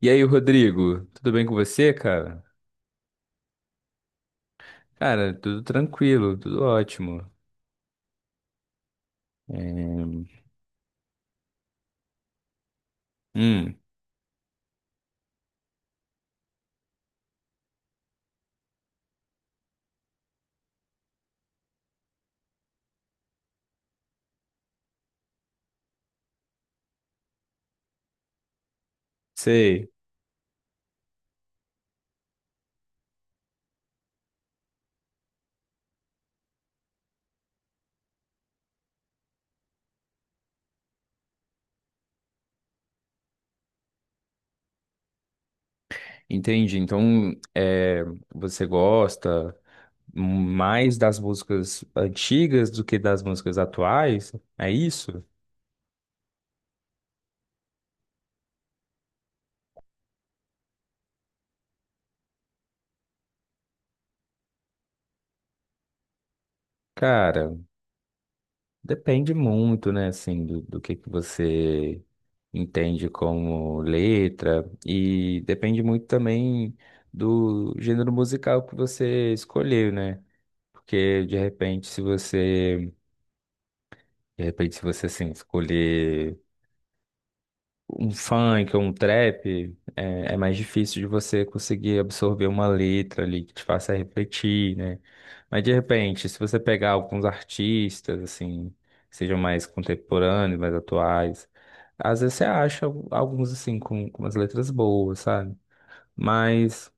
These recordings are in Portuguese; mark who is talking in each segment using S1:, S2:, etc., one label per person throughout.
S1: E aí, Rodrigo, tudo bem com você, cara? Cara, tudo tranquilo, tudo ótimo. É. Hum. Sei, entendi. É, Você gosta mais das músicas antigas do que das músicas atuais? É isso? Cara, depende muito, né, assim, do que você entende como letra, e depende muito também do gênero musical que você escolheu, né? Porque de repente, se você, de repente, se você assim, escolher um funk ou um trap, é mais difícil de você conseguir absorver uma letra ali que te faça refletir, né? Mas de repente, se você pegar alguns artistas, assim, que sejam mais contemporâneos, mais atuais, às vezes você acha alguns assim com umas letras boas, sabe? Mas,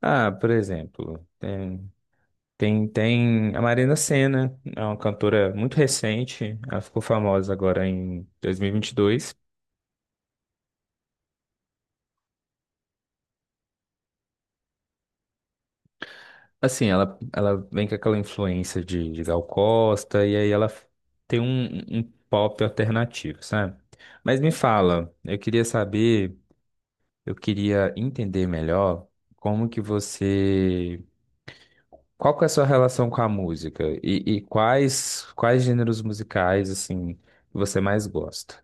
S1: ah, por exemplo. Tem a Marina Sena, é uma cantora muito recente, ela ficou famosa agora em 2022. Assim, ela vem com aquela influência de Gal Costa, e aí ela tem um pop alternativo, sabe? Mas me fala, eu queria saber, eu queria entender melhor como que você... Qual que é a sua relação com a música? E quais gêneros musicais, assim, você mais gosta?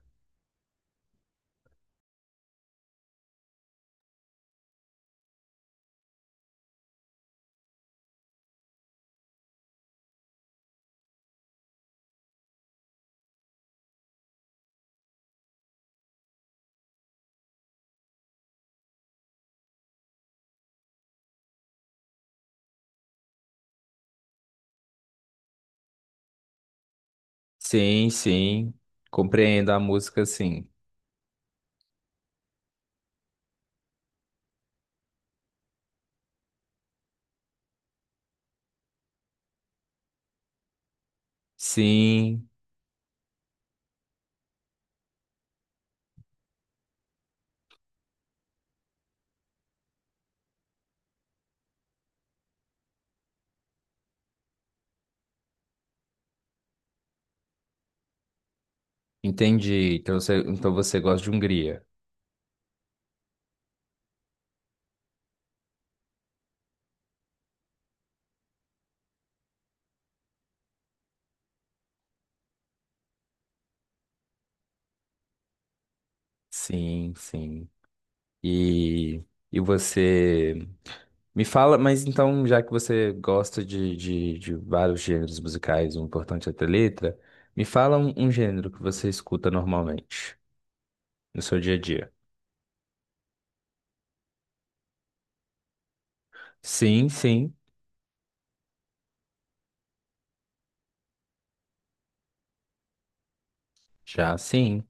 S1: Sim, sim. Compreendo a música, sim. Sim, entendi. Então você gosta de Hungria. Sim, sim. E, e você me fala, mas então, já que você gosta de vários gêneros musicais, o importante é ter letra. Me fala um gênero que você escuta normalmente no seu dia a dia. Sim, sim. Já sim.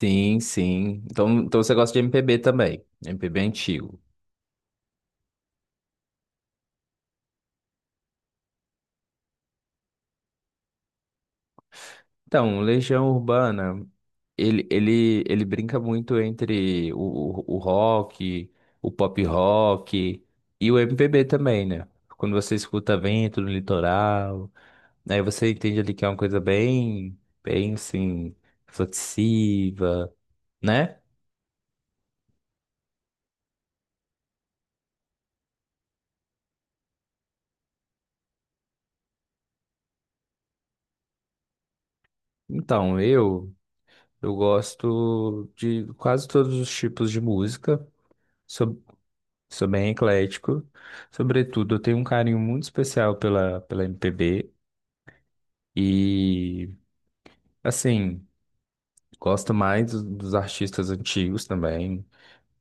S1: Sim, sim. Então você gosta de MPB também. MPB antigo. Então, Legião Urbana, ele brinca muito entre o rock, o pop rock e o MPB também, né? Quando você escuta Vento no Litoral, aí você entende ali que é uma coisa bem, bem assim, reflexiva, né? Então, eu gosto de quase todos os tipos de música. Sou Sou bem eclético. Sobretudo, eu tenho um carinho muito especial pela MPB. E, assim, gosto mais dos artistas antigos também.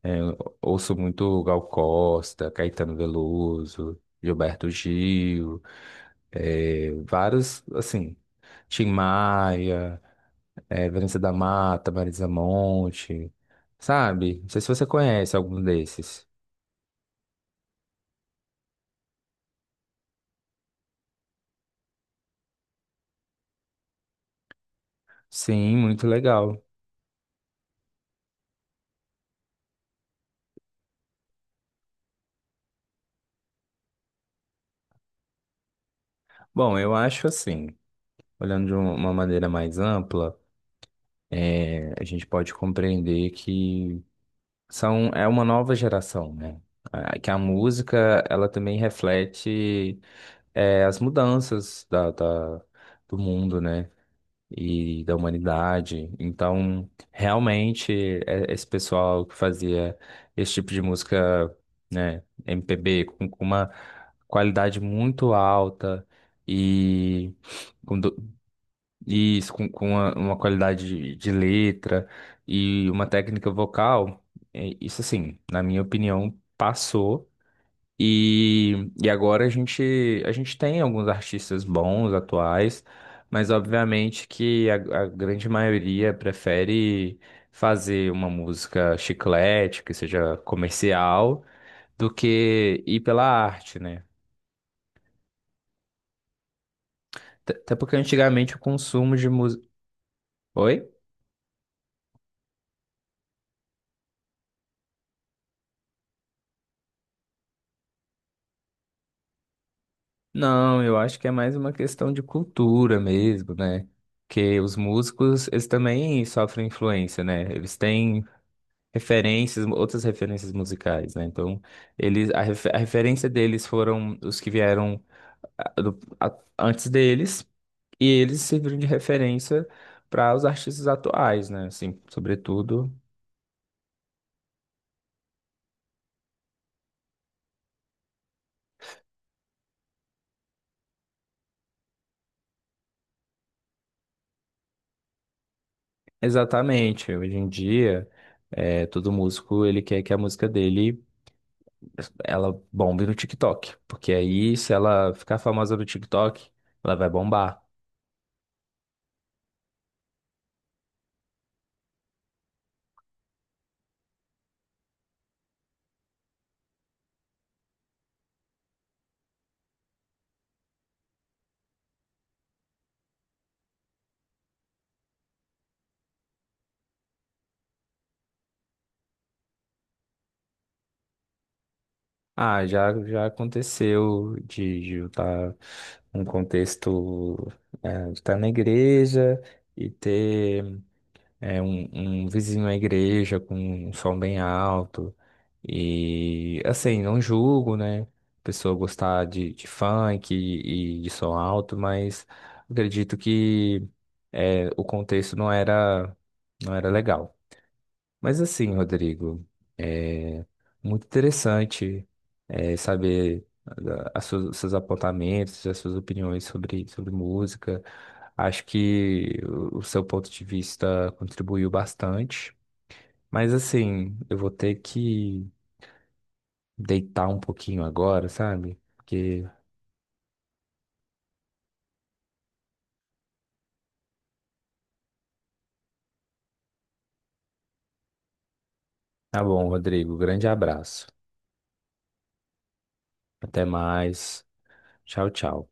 S1: É, eu ouço muito Gal Costa, Caetano Veloso, Gilberto Gil, é, vários, assim, Tim Maia, é, Vanessa da Mata, Marisa Monte, sabe? Não sei se você conhece algum desses. Sim, muito legal. Bom, eu acho assim. Olhando de uma maneira mais ampla, é, a gente pode compreender que são, é uma nova geração, né? Ah, que a música, ela também reflete, é, as mudanças do mundo, né? E da humanidade. Então, realmente, é, esse pessoal que fazia esse tipo de música, né? MPB, com uma qualidade muito alta e isso, com uma qualidade de letra e uma técnica vocal, é, isso assim, na minha opinião, passou. E agora a gente tem alguns artistas bons, atuais, mas obviamente que a grande maioria prefere fazer uma música chiclete, que seja comercial, do que ir pela arte, né? Até porque antigamente o consumo de música. Não, eu acho que é mais uma questão de cultura mesmo, né? Que os músicos, eles também sofrem influência, né? Eles têm referências, outras referências musicais, né? Então, a referência deles foram os que vieram antes deles, e eles serviram de referência para os artistas atuais, né? Assim, sobretudo, exatamente. Hoje em dia, é, todo músico, ele quer que a música dele ela bombe no TikTok, porque aí se ela ficar famosa no TikTok, ela vai bombar. Ah, já, já aconteceu de eu estar num contexto, é, de estar na igreja e ter é, um vizinho à igreja com um som bem alto. E assim, não julgo, né? A pessoa gostar de funk e de som alto, mas acredito que é, o contexto não era, não era legal. Mas assim, Rodrigo, é muito interessante, é, saber seus apontamentos, as suas opiniões sobre música. Acho que o seu ponto de vista contribuiu bastante. Mas assim, eu vou ter que deitar um pouquinho agora, sabe? Porque tá bom, Rodrigo. Grande abraço. Até mais. Tchau, tchau.